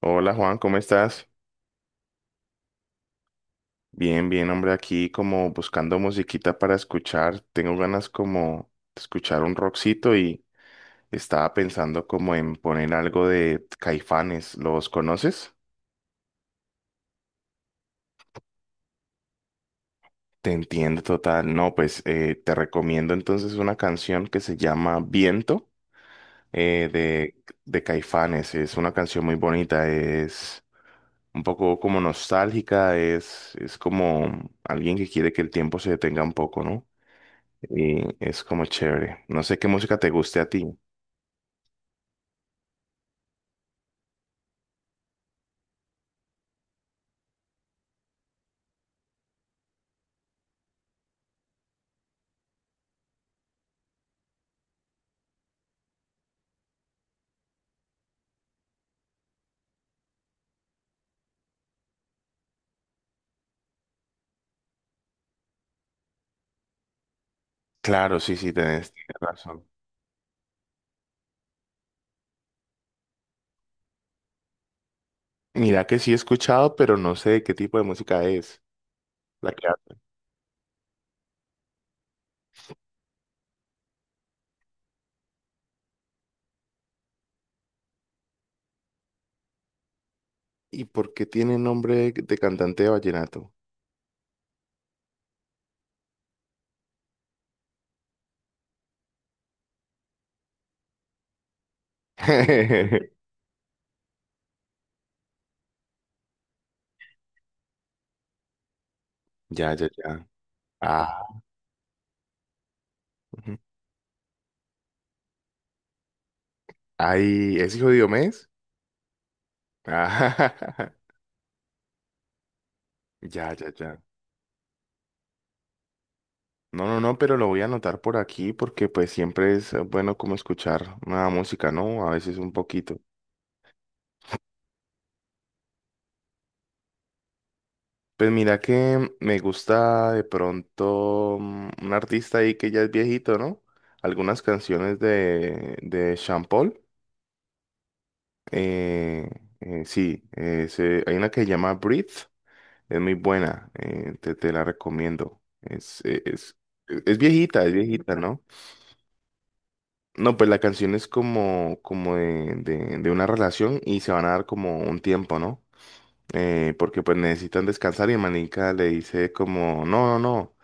Hola Juan, ¿cómo estás? Bien, bien, hombre, aquí como buscando musiquita para escuchar. Tengo ganas como de escuchar un rockcito y estaba pensando como en poner algo de Caifanes. ¿Los conoces? Te entiendo total. No, pues te recomiendo entonces una canción que se llama Viento de Caifanes. Es una canción muy bonita, es un poco como nostálgica, es como alguien que quiere que el tiempo se detenga un poco, ¿no? Y es como chévere. No sé qué música te guste a ti. Claro, sí, sí, tienes razón. Mira que sí he escuchado, pero no sé de qué tipo de música es la que habla. ¿Y por qué tiene nombre de cantante de vallenato? Ya, ya, ya. Ah, ujú. Ay, ¿es hijo de Diomedes? Ah, ya, ya, ya. No, no, no, pero lo voy a anotar por aquí porque pues siempre es bueno como escuchar nueva música, ¿no? A veces un poquito. Pues mira que me gusta de pronto un artista ahí que ya es viejito, ¿no? Algunas canciones de Sean Paul. Eh, sí, hay una que se llama Breathe. Es muy buena, te la recomiendo. Es viejita, es viejita, ¿no? No, pues la canción es como de, de una relación y se van a dar como un tiempo, ¿no? Porque pues necesitan descansar y Manica le dice como, no, no, no,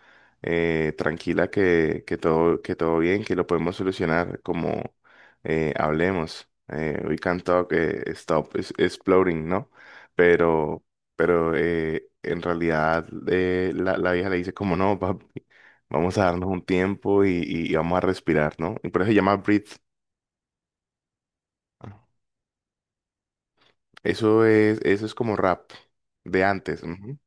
tranquila que todo, bien, que lo podemos solucionar, como hablemos. We can talk, stop exploring, ¿no? Pero, pero en realidad la vieja le dice como, no, papi, vamos a darnos un tiempo y vamos a respirar, ¿no? Y por eso se llama Breathe. Eso es como rap de antes. Ujú.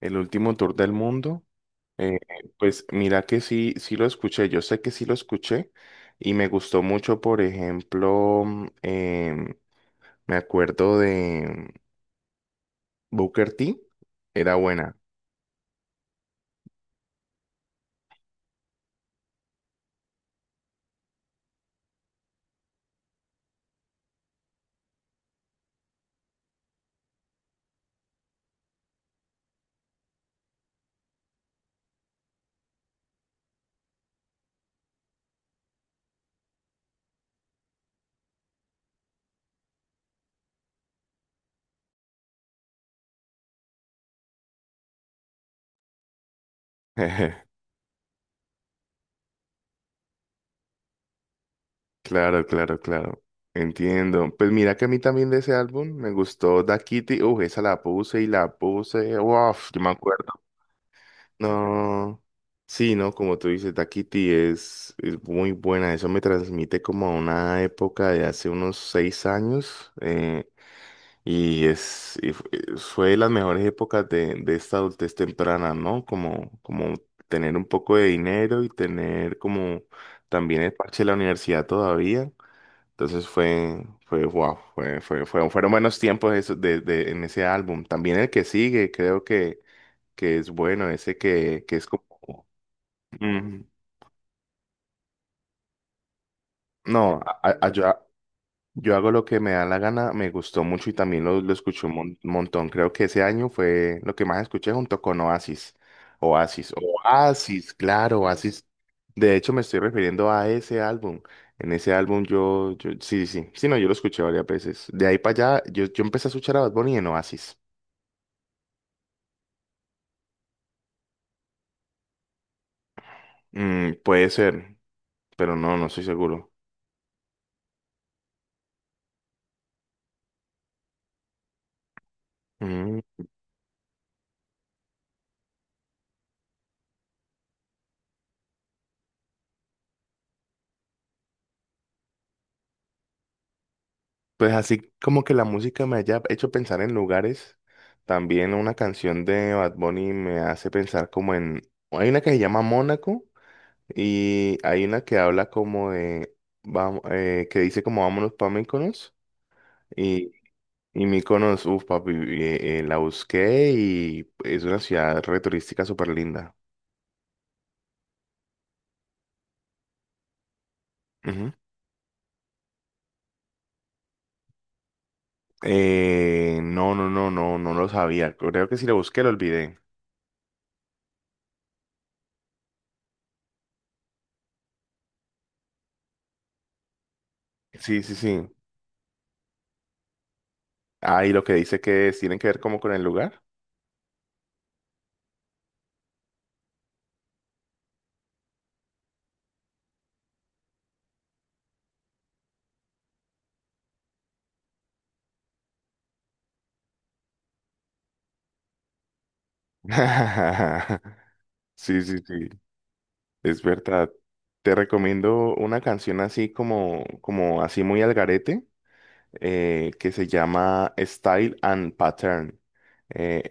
El último tour del mundo. Eh, pues mira que sí lo escuché, yo sé que sí lo escuché y me gustó mucho, por ejemplo, me acuerdo de Booker T, era buena. Claro, claro, claro, entiendo. Pues mira que a mí también de ese álbum me gustó Da Kitty, uff, esa la puse y la puse, uff, yo me acuerdo. No, sí, no, como tú dices, Daquiti es muy buena. Eso me transmite como a una época de hace unos 6 años y fue de las mejores épocas de esta adultez temprana, ¿no? Como tener un poco de dinero y tener como también el parche de la universidad todavía. Entonces wow, fueron buenos tiempos esos en ese álbum. También el que sigue, creo que es bueno, ese que es como. Mm, No, yo hago lo que me da la gana, me gustó mucho y también lo escuché un montón. Creo que ese año fue lo que más escuché junto con Oasis. Oasis, Oasis, claro, Oasis. De hecho, me estoy refiriendo a ese álbum. En ese álbum yo sí, sí, sí, no, yo lo escuché varias veces. De ahí para allá, yo empecé a escuchar a Bad Bunny en Oasis. Mm, puede ser, pero no, no estoy seguro. Mm. Pues así como que la música me haya hecho pensar en lugares, también una canción de Bad Bunny me hace pensar como en... Hay una que se llama Mónaco y hay una que habla como de... Vamos, que dice como vámonos para Mykonos y, y Mykonos, uff papi, la busqué y es una ciudad re turística súper linda. Ujú. No, no, no, no, no lo sabía. Creo que si lo busqué lo olvidé. Sí, sí, sí. Ah, y lo que dice que es, tienen que ver como con el lugar. Sí, sí, sí, es verdad. Te recomiendo una canción así como así muy al garete, que se llama Style and Pattern. Eh,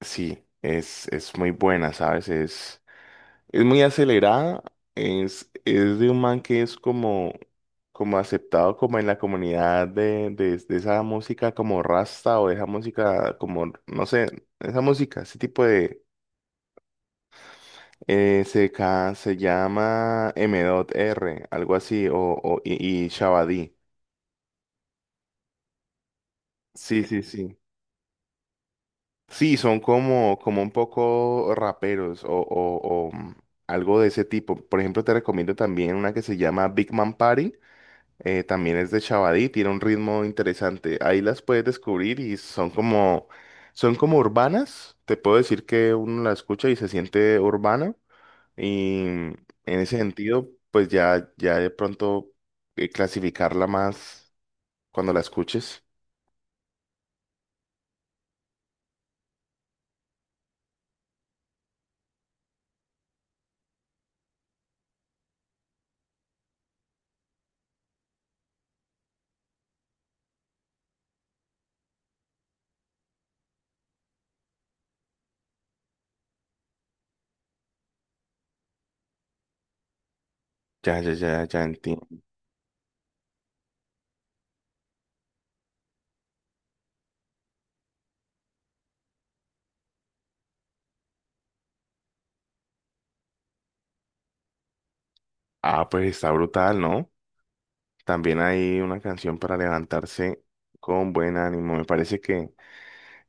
sí, es muy buena, ¿sabes? Es muy acelerada, es de un man que es como aceptado como en la comunidad de esa música como rasta o de esa música como, no sé, esa música, ese tipo de. Se llama M.R, algo así, y Shabadí. Sí, sí, sí. Sí, son como un poco raperos o, mm, algo de ese tipo. Por ejemplo, te recomiendo también una que se llama Big Man Party. También es de Shabadí, tiene un ritmo interesante. Ahí las puedes descubrir y son como urbanas. Te puedo decir que uno la escucha y se siente urbana. Y en ese sentido, pues ya, ya de pronto clasificarla más cuando la escuches. Ya, ya, ya, ya entiendo. Ah, pues está brutal, ¿no? También hay una canción para levantarse con buen ánimo. Me parece que,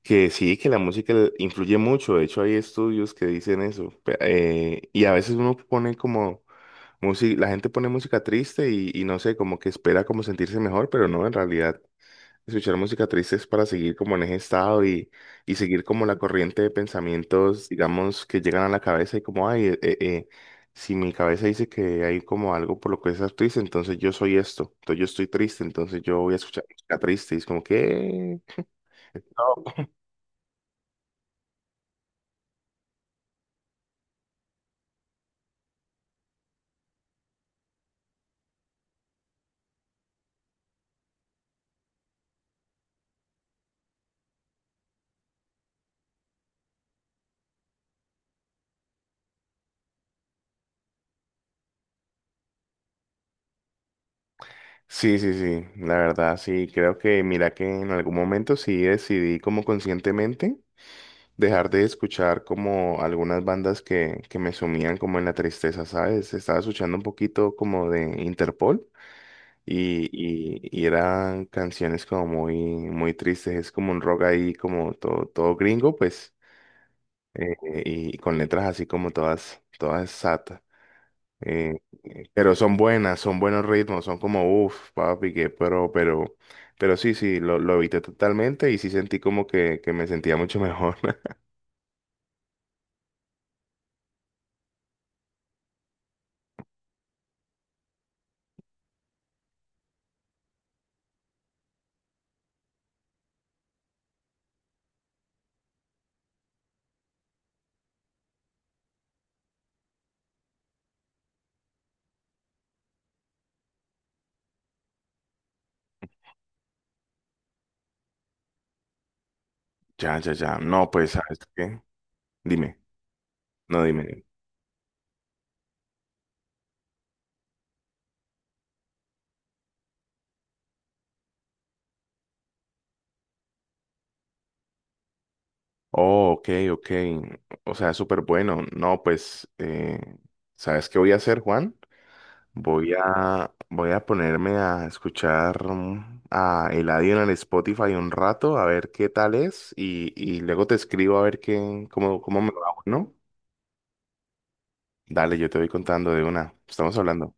que sí, que la música influye mucho. De hecho, hay estudios que dicen eso. Y a veces uno pone como música, la gente pone música triste y no sé, como que espera como sentirse mejor, pero no, en realidad. Escuchar música triste es para seguir como en ese estado y seguir como la corriente de pensamientos, digamos, que llegan a la cabeza y como, ay, si mi cabeza dice que hay como algo por lo que estás triste, entonces yo soy esto, entonces yo estoy triste, entonces yo voy a escuchar música triste y es como que... No. Sí, sí, sí, la verdad, sí, creo que mira que en algún momento sí decidí como conscientemente, dejar de escuchar como algunas bandas que me sumían como en la tristeza, ¿sabes? Estaba escuchando un poquito como de Interpol y eran canciones como muy, muy tristes, es como un rock ahí como todo, todo gringo, pues, eh, y con letras así como todas, todas sad. eh, pero son buenas, son buenos ritmos, son como, uff, papi, que pero sí, sí, lo evité totalmente y sí sentí como que me sentía mucho mejor. Ya, ya, ya. No, pues, ¿sabes qué? Dime, no, dime. Dime. Oh, ok, ok. O sea, súper bueno. No, pues, ¿sabes qué voy a hacer, Juan? Voy a ponerme a escuchar a Eladio en el Spotify un rato, a ver qué tal es, y luego te escribo a ver cómo me va, ¿no? Dale, yo te voy contando de una. Estamos hablando.